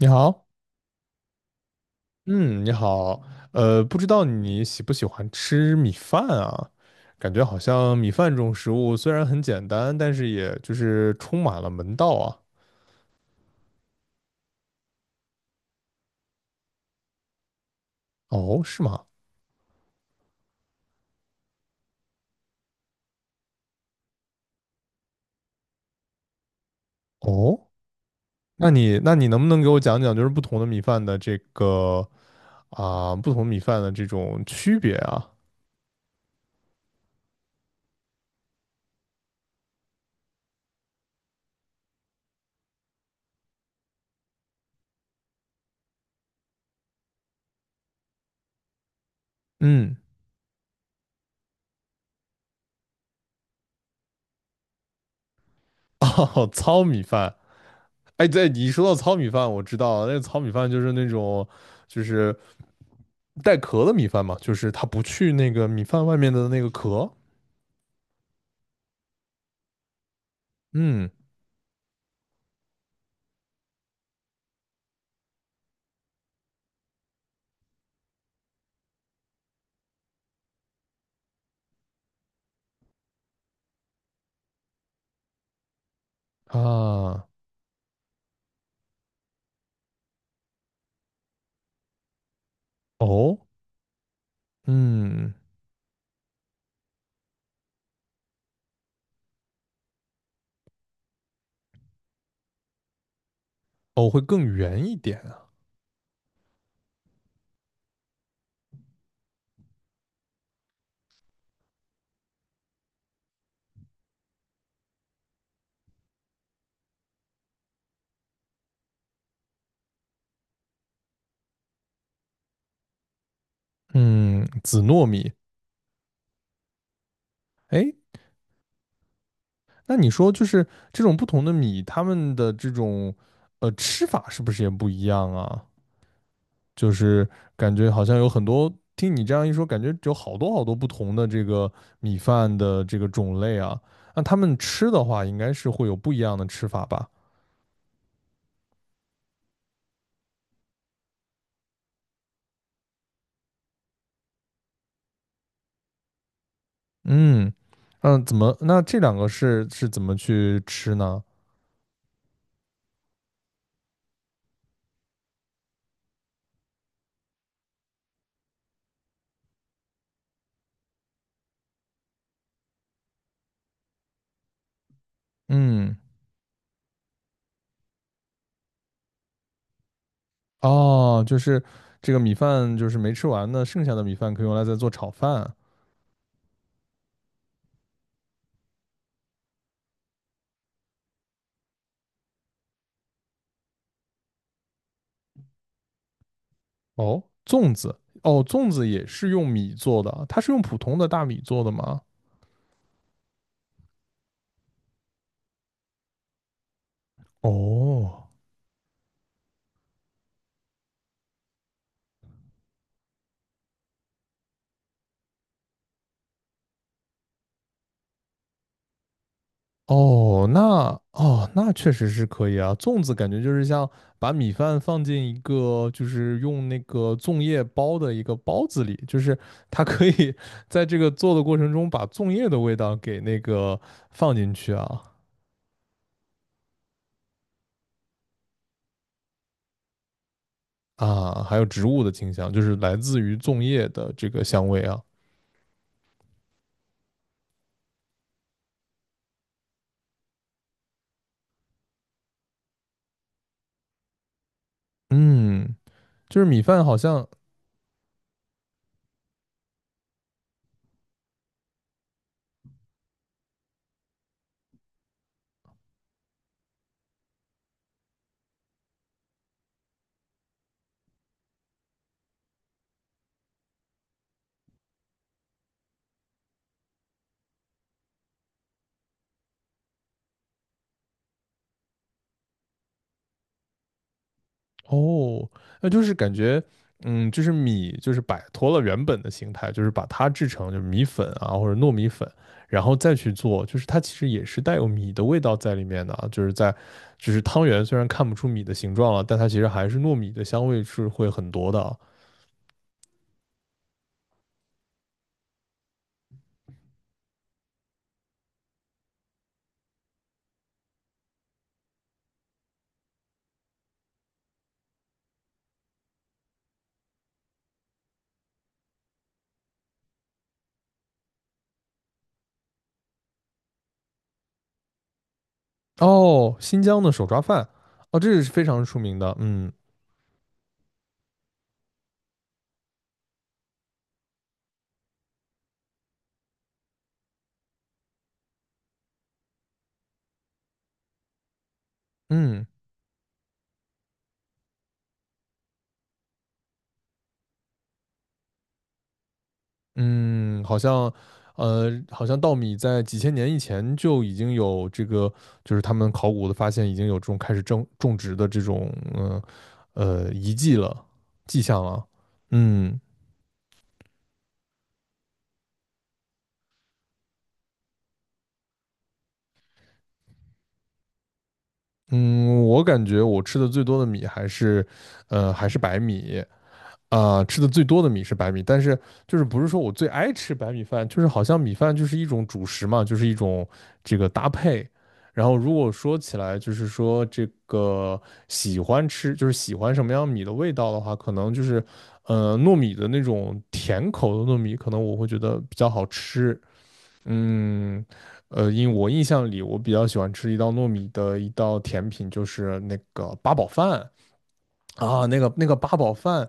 你好，嗯，你好，不知道你喜不喜欢吃米饭啊？感觉好像米饭这种食物虽然很简单，但是也就是充满了门道啊。哦，是吗？哦，那你能不能给我讲讲，就是不同的米饭的这个啊，不同米饭的这种区别啊？嗯，哦，糙米饭，哎，对，你一说到糙米饭，我知道了那个糙米饭就是那种就是。带壳的米饭嘛，就是它不去那个米饭外面的那个壳。嗯。啊。哦。嗯。哦，会更圆一点啊。嗯，紫糯米。哎，那你说就是这种不同的米，它们的这种吃法是不是也不一样啊？就是感觉好像有很多，听你这样一说，感觉有好多好多不同的这个米饭的这个种类啊。那他们吃的话，应该是会有不一样的吃法吧？嗯嗯，怎么？那这两个是怎么去吃呢？嗯，哦，就是这个米饭就是没吃完呢，剩下的米饭可以用来再做炒饭。哦，粽子，哦，粽子也是用米做的，它是用普通的大米做的吗？哦，哦，那哦，那确实是可以啊。粽子感觉就是像把米饭放进一个，就是用那个粽叶包的一个包子里，就是它可以 在这个做的过程中把粽叶的味道给那个放进去啊。啊，还有植物的清香，就是来自于粽叶的这个香味啊。嗯，就是米饭好像。哦，那就是感觉，嗯，就是米就是摆脱了原本的形态，就是把它制成就是米粉啊或者糯米粉，然后再去做，就是它其实也是带有米的味道在里面的啊，就是在，就是汤圆虽然看不出米的形状了，但它其实还是糯米的香味是会很多的啊。哦，新疆的手抓饭，哦，这是非常出名的，嗯嗯。嗯，好像，好像稻米在几千年以前就已经有这个，就是他们考古的发现已经有这种开始种植的这种，遗迹了，迹象了。嗯嗯，我感觉我吃的最多的米还是，还是白米。啊、吃的最多的米是白米，但是就是不是说我最爱吃白米饭，就是好像米饭就是一种主食嘛，就是一种这个搭配。然后如果说起来，就是说这个喜欢吃，就是喜欢什么样米的味道的话，可能就是糯米的那种甜口的糯米，可能我会觉得比较好吃。嗯，因为我印象里我比较喜欢吃一道糯米的一道甜品，就是那个八宝饭。啊，那个八宝饭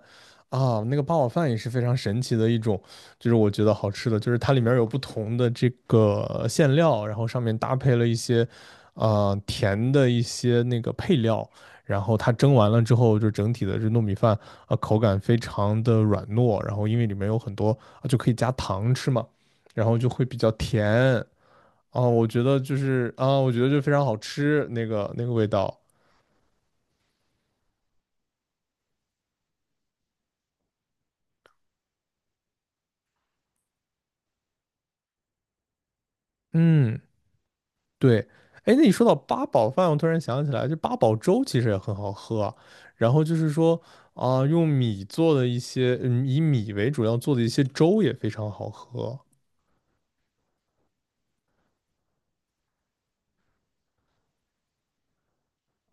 啊，那个八宝饭也是非常神奇的一种，就是我觉得好吃的，就是它里面有不同的这个馅料，然后上面搭配了一些，甜的一些那个配料，然后它蒸完了之后，就整体的这糯米饭啊，口感非常的软糯，然后因为里面有很多啊，就可以加糖吃嘛，然后就会比较甜啊，我觉得就是啊，我觉得就非常好吃，那个那个味道，嗯。对，哎，那你说到八宝饭，我突然想起来，就八宝粥其实也很好喝啊。然后就是说啊、用米做的一些，嗯，以米为主要做的一些粥也非常好喝。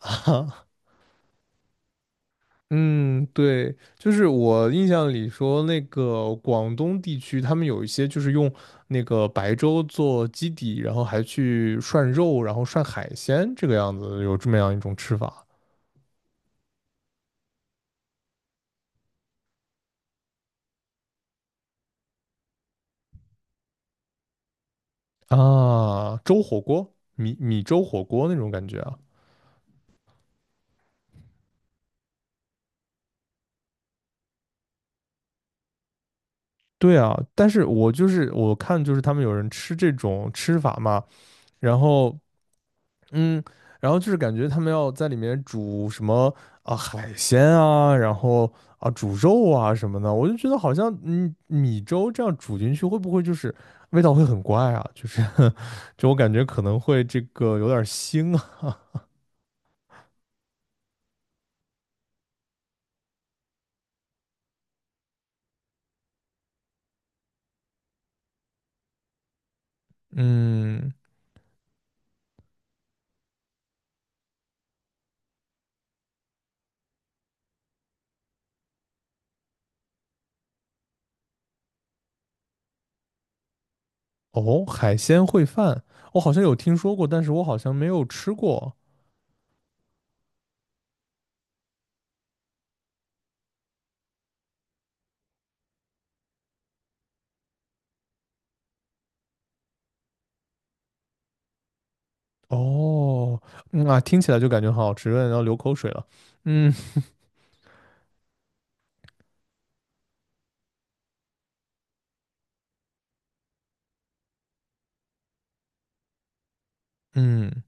嗯，对，就是我印象里说，那个广东地区他们有一些就是用那个白粥做基底，然后还去涮肉，然后涮海鲜，这个样子有这么样一种吃法啊，粥火锅，米粥火锅那种感觉啊。对啊，但是我就是我看就是他们有人吃这种吃法嘛，然后嗯，然后就是感觉他们要在里面煮什么啊海鲜啊，然后啊煮肉啊什么的，我就觉得好像米粥这样煮进去会不会就是味道会很怪啊？就是 就我感觉可能会这个有点腥啊。嗯，哦，海鲜烩饭我好像有听说过，但是我好像没有吃过。哦，嗯啊，听起来就感觉很好吃，有点要流口水了。嗯嗯，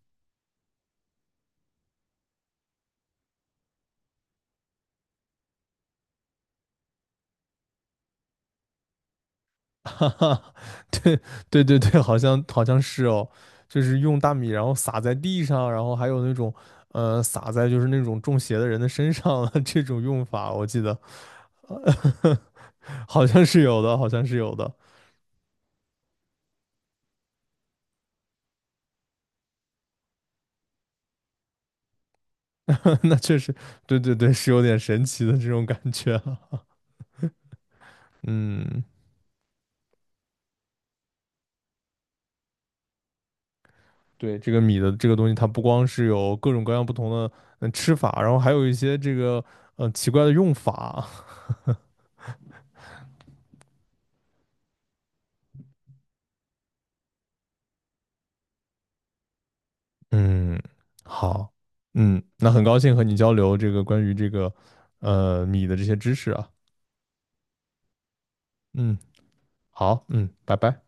哈哈，对对对对，好像好像是哦，就是用大米然后撒在地上，然后还有那种撒在就是那种中邪的人的身上的 这种用法，我记得 好像是有的，好像是有的。那确实，对对对，是有点神奇的这种感觉了。嗯对，这个米的这个东西，它不光是有各种各样不同的吃法，然后还有一些这个奇怪的用法。嗯，好，嗯，那很高兴和你交流这个关于这个米的这些知识啊。嗯，好，嗯，拜拜。